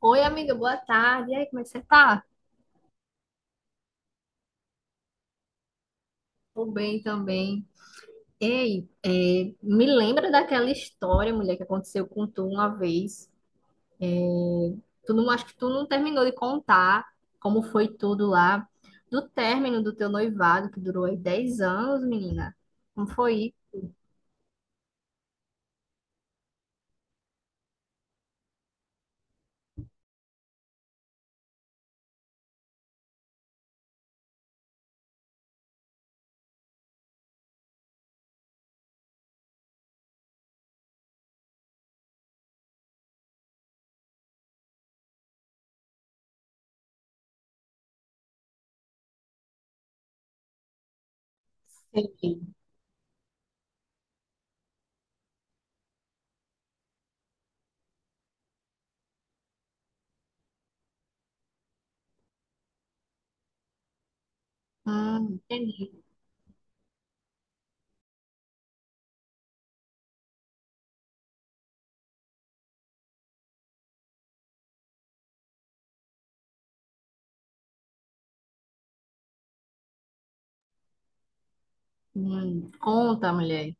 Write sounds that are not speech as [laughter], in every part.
Oi, amiga, boa tarde. E aí, como é que você tá? Tô bem também. Ei, me lembra daquela história, mulher, que aconteceu com tu uma vez. É, Tu não, acho que tu não terminou de contar como foi tudo lá, do término do teu noivado, que durou aí 10 anos, menina. Como foi? Sim. Entendi. Conta, mulher.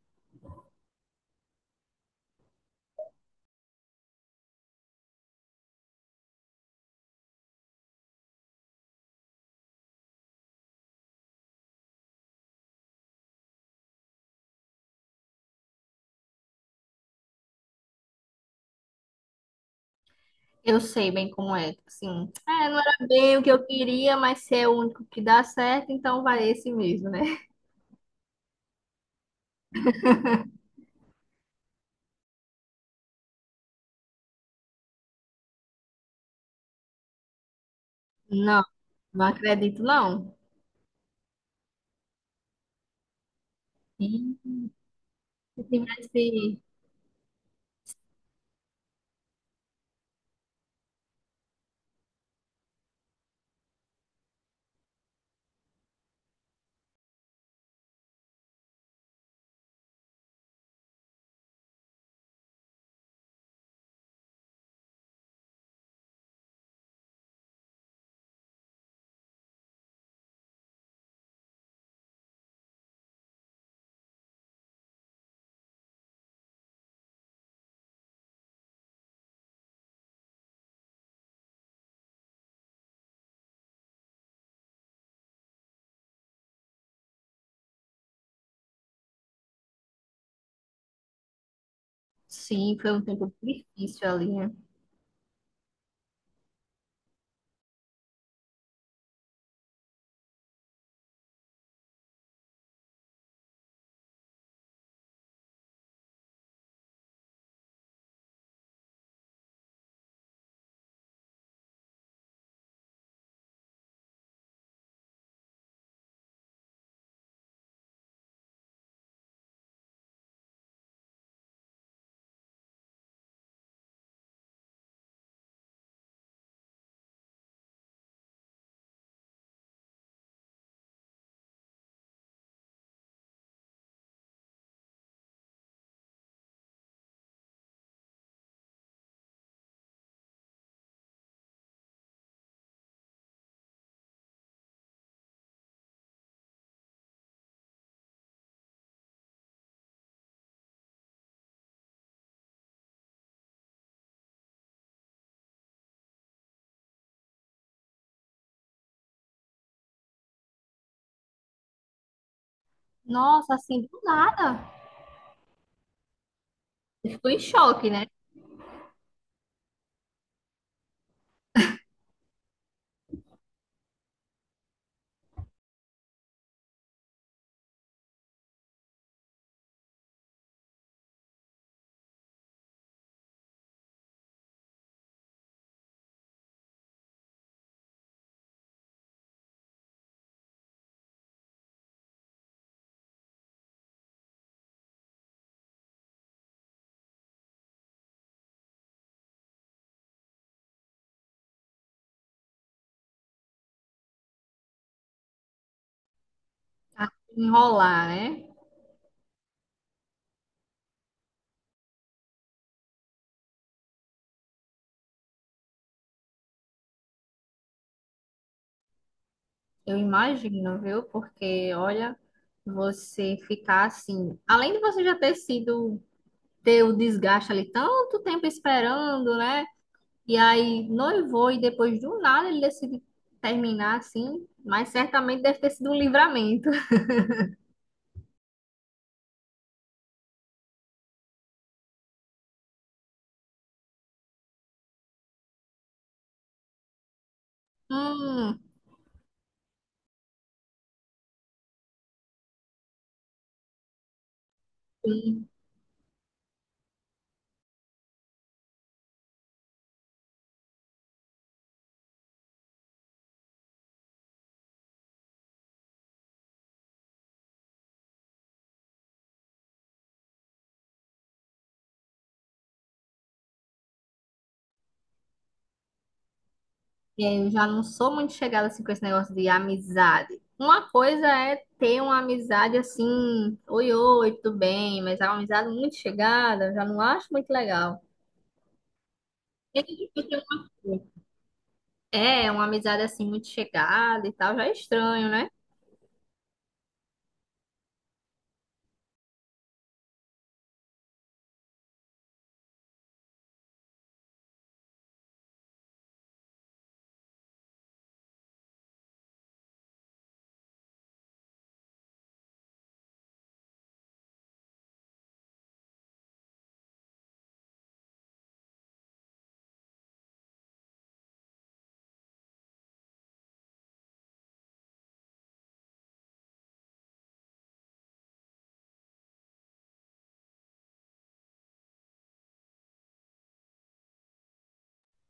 Eu sei bem como é. Não era bem o que eu queria, mas se é o único que dá certo, então vai esse mesmo, né? Não. Não acredito, não. E se tivesse. Sim, foi um tempo difícil ali, né? Nossa, assim, do nada. Eu Ficou em choque, né? A Enrolar, né? Eu imagino, viu? Porque, olha, você ficar assim. Além de você já ter sido. Ter o desgaste ali tanto tempo esperando, né? E aí noivou e depois do nada ele decide terminar assim. Mas certamente deve ter sido um livramento. [laughs] Hum. É, eu já não sou muito chegada assim com esse negócio de amizade. Uma coisa é ter uma amizade assim, oi, oi, tudo bem, mas é uma amizade muito chegada, eu já não acho muito legal. É, que eu tenho- é, uma amizade assim muito chegada e tal, já é estranho, né?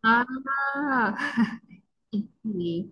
Ah, entendi.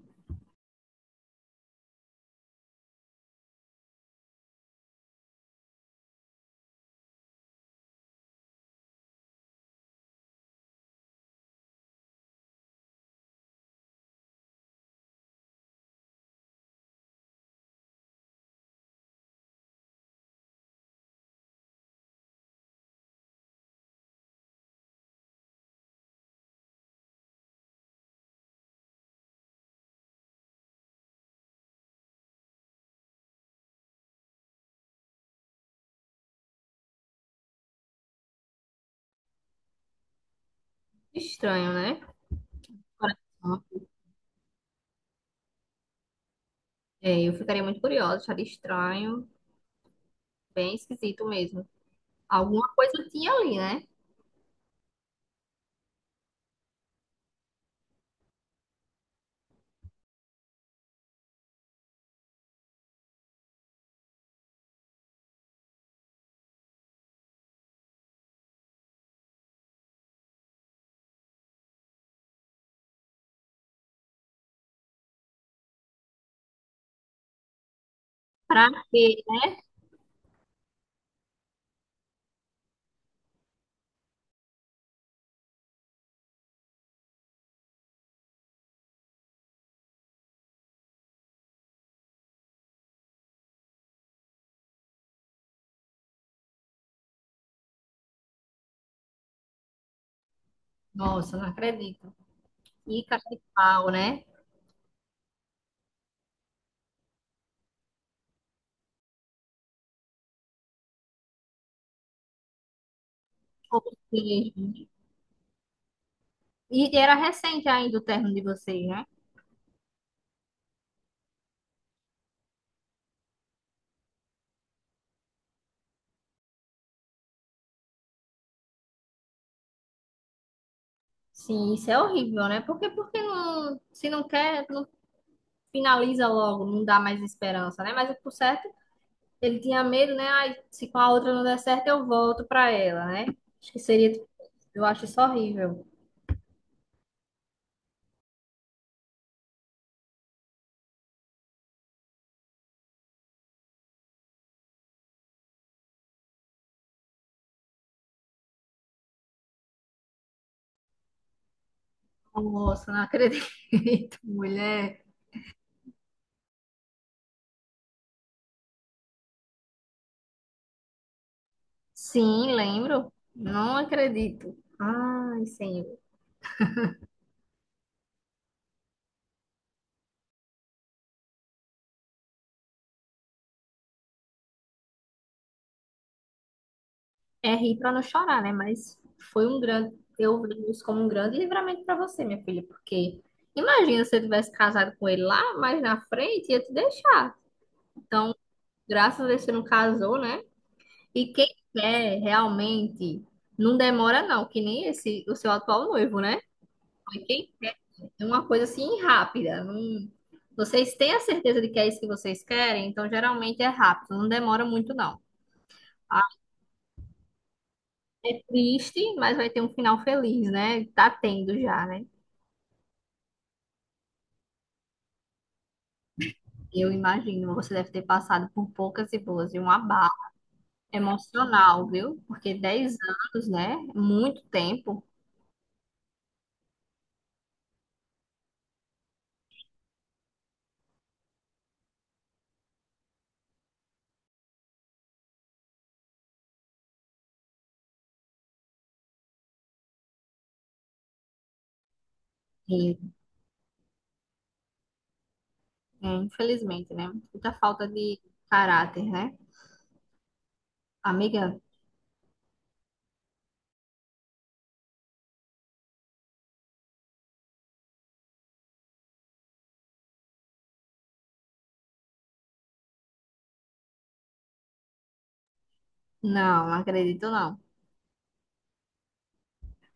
Estranho, né? Coração. É, eu ficaria muito curiosa, acharia estranho, bem esquisito mesmo. Alguma coisa tinha ali, né? Pra quê? Né? Nossa, não acredito. E cara de pau, né? Ou seja, e era recente ainda o término de vocês, né? Sim, isso é horrível, né? Porque, se não quer, não finaliza logo, não dá mais esperança, né? Mas por certo, ele tinha medo, né? Ai, se com a outra não der certo, eu volto pra ela, né? Acho que seria, eu acho isso horrível. Nossa, não acredito, [laughs] mulher. Sim, lembro. Não acredito. Ai, senhor. É rir para não chorar, né? Mas eu vejo isso como um grande livramento para você, minha filha, porque imagina se você tivesse casado com ele lá, mas na frente ia te deixar. Então, graças a Deus você não casou, né? E quem quer realmente não demora não, que nem esse o seu atual noivo, né? Mas quem quer é uma coisa assim rápida. Não... Vocês têm a certeza de que é isso que vocês querem, então geralmente é rápido, não demora muito não. É triste, mas vai ter um final feliz, né? Tá tendo já, né? Eu imagino, você deve ter passado por poucas e boas e um abalo emocional, viu? Porque 10 anos, né? Muito tempo. E, infelizmente, né? Muita falta de caráter, né? Amiga, não, não acredito não.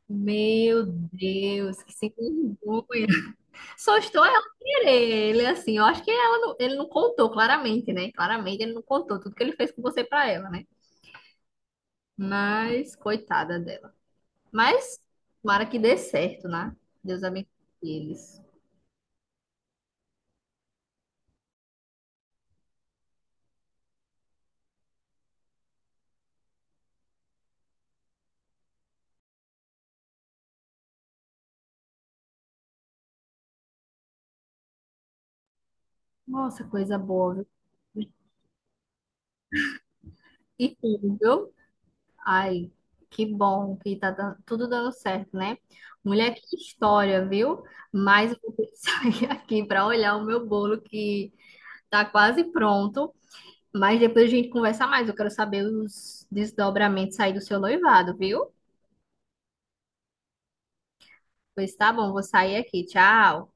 Meu Deus, que sem vergonha. Só estou ela querer. Ele assim, eu acho que ela não- ele não contou claramente, né? Claramente ele não contou tudo que ele fez com você pra ela, né? Mas, coitada dela. Mas, tomara que dê certo, né? Deus abençoe eles. Nossa, coisa boa, viu? E tudo, viu? Ai, que bom que tudo dando certo, né? Mulher, que história, viu? Mas eu vou ter que [laughs] sair aqui para olhar o meu bolo que tá quase pronto. Mas depois a gente conversa mais. Eu quero saber os desdobramentos aí do seu noivado, viu? Pois tá bom, vou sair aqui. Tchau.